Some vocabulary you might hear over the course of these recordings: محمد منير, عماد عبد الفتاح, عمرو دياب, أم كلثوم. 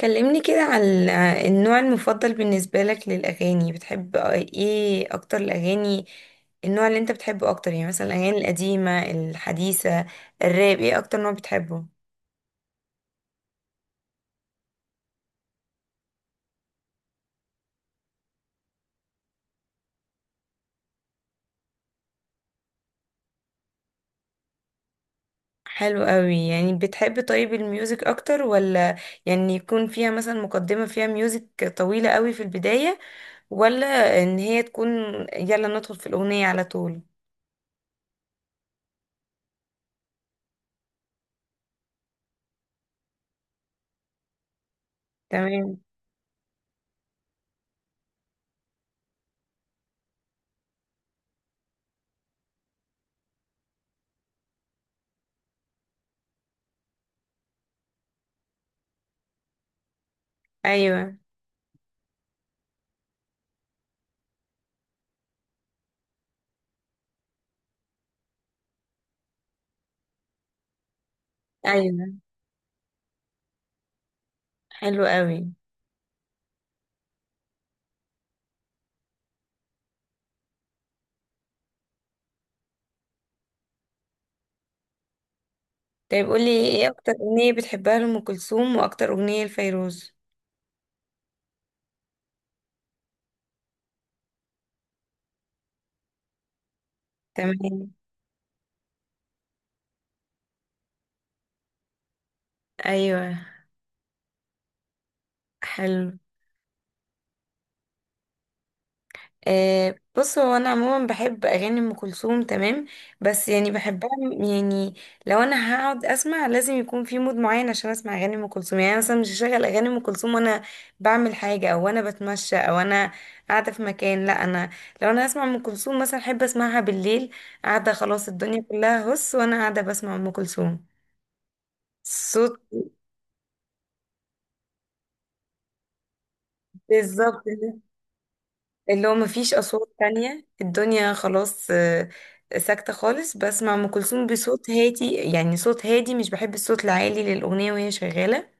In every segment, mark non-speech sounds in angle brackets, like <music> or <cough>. كلمني كده عن النوع المفضل بالنسبة لك للأغاني، بتحب ايه أكتر؟ الأغاني، النوع اللي انت بتحبه أكتر يعني، مثلا الأغاني القديمة، الحديثة، الراب، ايه أكتر نوع بتحبه؟ حلو قوي. يعني بتحب، طيب، الميوزك أكتر، ولا يعني يكون فيها مثلا مقدمة فيها ميوزك طويلة قوي في البداية، ولا إن هي تكون يلا ندخل في الأغنية على طول؟ تمام. أيوه. أيوه. حلو قوي. طيب قولي، ايه اكتر اغنية بتحبها لأم كلثوم واكتر اغنية لفيروز؟ تمام. ايوه. حلو. آه، بص، هو انا عموما بحب اغاني ام كلثوم، تمام؟ بس يعني بحبها يعني، لو انا هقعد اسمع لازم يكون في مود معين عشان اسمع اغاني ام كلثوم. يعني أنا مثلا مش هشغل اغاني ام كلثوم وانا بعمل حاجه، او انا بتمشى، او انا قاعده في مكان، لا. لو انا اسمع ام كلثوم مثلا احب اسمعها بالليل، قاعده خلاص، الدنيا كلها هس وانا قاعده بسمع ام كلثوم، صوت. بالظبط كده. اللي هو مفيش أصوات تانية، الدنيا خلاص، ساكتة خالص، بسمع أم كلثوم بصوت هادي، يعني صوت هادي، مش بحب الصوت العالي للأغنية وهي شغالة.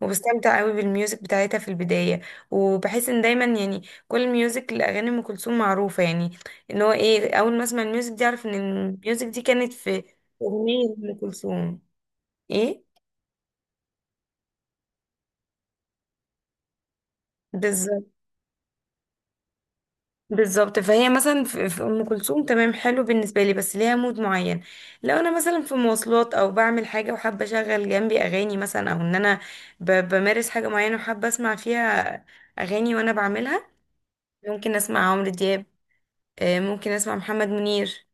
وبستمتع قوي بالميوزك بتاعتها في البداية، وبحس ان دايما يعني كل الميوزك لأغاني أم كلثوم معروفة. يعني ان هو ايه، أول ما اسمع الميوزك دي أعرف ان الميوزك دي كانت في أغنية أم كلثوم ايه. بالظبط. بالظبط. فهي مثلا في ام كلثوم، تمام، حلو بالنسبه لي، بس ليها مود معين. لو انا مثلا في مواصلات او بعمل حاجه وحابه اشغل جنبي اغاني مثلا، او ان انا بمارس حاجه معينه وحابه اسمع فيها اغاني وانا بعملها، ممكن اسمع عمرو دياب، ممكن اسمع محمد منير،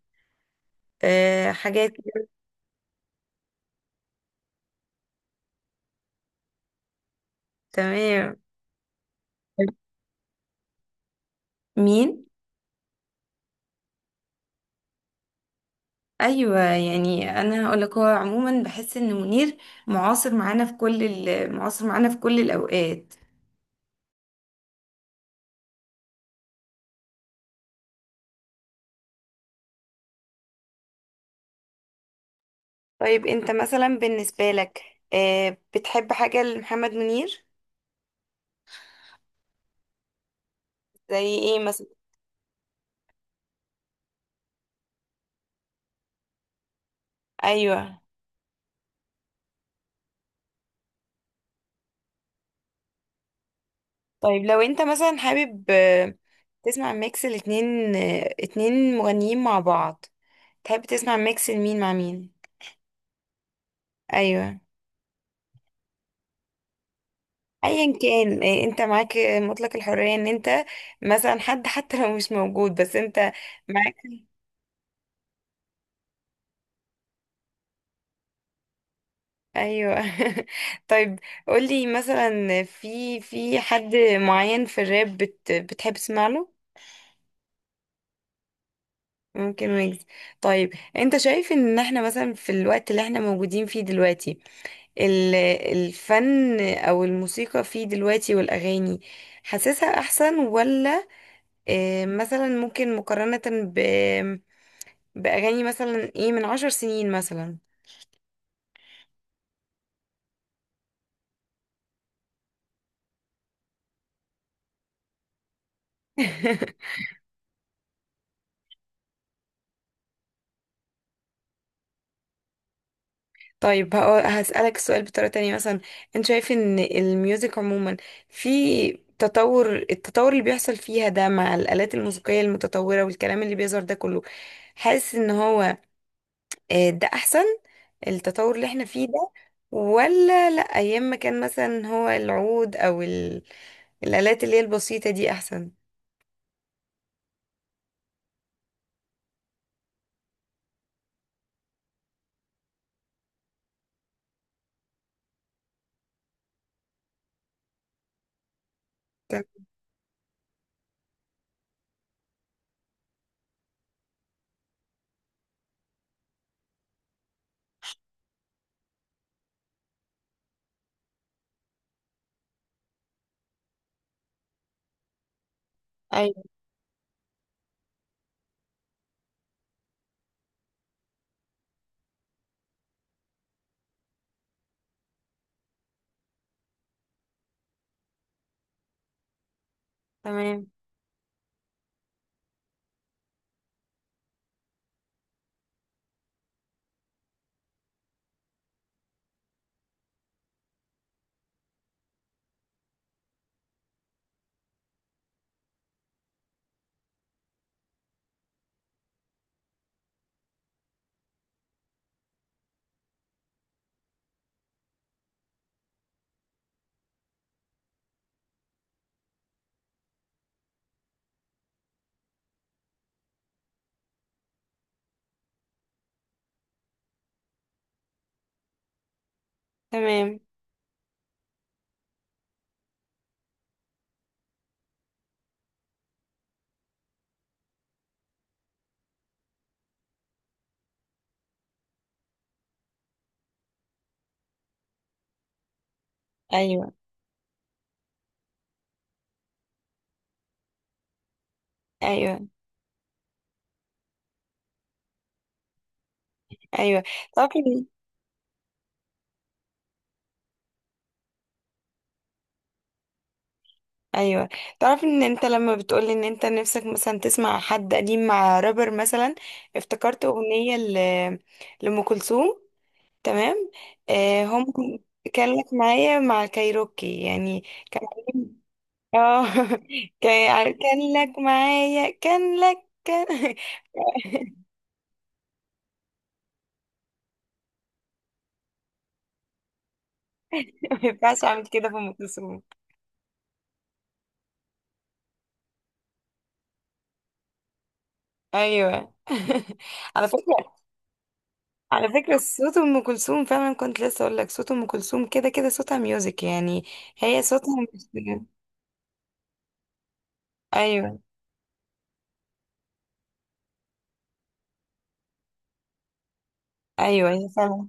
حاجات كده. تمام. مين؟ ايوه، يعني انا هقول لك، هو عموما بحس ان منير معاصر معانا في كل الاوقات. طيب انت مثلا، بالنسبة لك بتحب حاجة لمحمد منير؟ زي ايه مثلا؟ ايوه. طيب لو انت مثلا حابب تسمع ميكس الاتنين، اتنين مغنيين مع بعض، تحب تسمع ميكس لمين مع مين؟ ايوه. ايا كان، انت معاك، مطلق الحرية ان انت مثلا حد حتى لو مش موجود، بس انت معاك. ايوه. <laughs> طيب قولي مثلا في حد معين في الراب بتحب تسمع له؟ ممكن ويجز. طيب انت شايف ان احنا مثلا في الوقت اللي احنا موجودين فيه دلوقتي، ال- الفن او الموسيقى فيه دلوقتي والاغاني، حاسسها احسن، ولا اه، مثلا ممكن مقارنة باغاني مثلا ايه، من 10 سنين مثلا؟ <laughs> طيب هسألك السؤال بطريقة تانية. مثلا انت شايف ان الميوزك عموما في التطور اللي بيحصل فيها ده، مع الآلات الموسيقية المتطورة والكلام اللي بيظهر ده كله، حاسس ان هو ده احسن، التطور اللي احنا فيه ده، ولا لا، ايام ما كان مثلا هو العود او الآلات اللي هي البسيطة دي احسن؟ تم- ايوه. تمام. تمام. ايوه. ايوه. ايوه. طب. ايوه. تعرف ان انت لما بتقولي ان انت نفسك مثلا تسمع حد قديم مع رابر مثلا، افتكرت اغنيه لام كلثوم، تمام. آه هم. كان لك معايا مع الكايروكي يعني. كان عاملين- اه. <laughs> كان لك معايا، كان لك كان. <laughs> ما ينفعش اعمل كده في ام كلثوم. ايوه. <laughs> على فكره على فكرة صوت أم كلثوم فعلا. كنت لسه أقول لك، صوت أم كلثوم كده كده صوتها ميوزك يعني، هي صوتها مش... أيوه. أيوه. هي فعلا.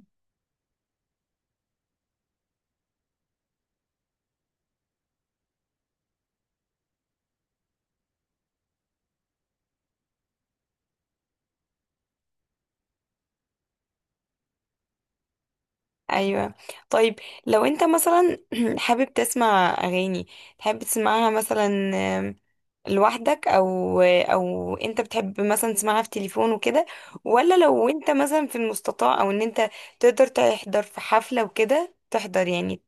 أيوه. طيب لو أنت مثلا <clears throat> حابب تسمع أغاني، تحب تسمعها مثلا آم، لوحدك، أو أنت بتحب مثلا تسمعها في تليفون وكده، ولا لو أنت مثلا في المستطاع أو أن أنت تقدر تحضر في حفلة وكده، تحضر يعني؟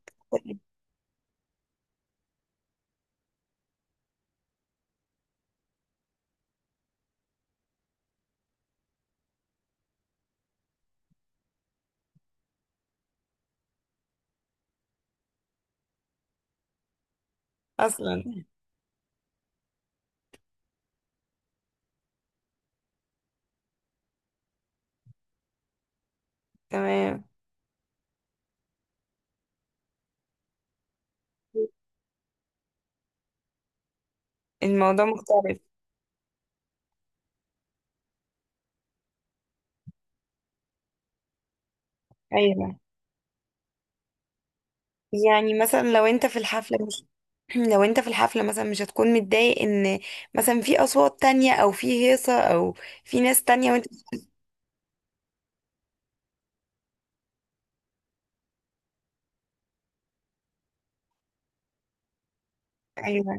أصلا. تمام. الموضوع مختلف. أيوه. يعني مثلا لو انت في الحفلة مش <clears throat> لو انت في الحفلة مثلا مش هتكون متضايق ان مثلا في اصوات تانية، او في هيصة، او في ناس تانية وانت؟ ايوه.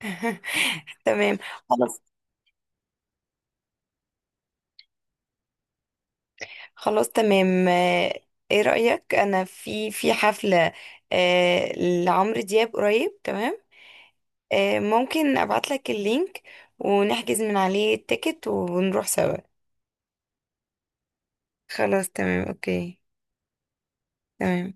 <laughs> تمام. خلاص. خلاص. تمام. ايه رأيك، انا في حفلة آه، لعمرو دياب قريب، تمام؟ ممكن ابعت لك اللينك ونحجز من عليه التيكت ونروح سوا؟ خلاص. تمام. اوكي. تمام.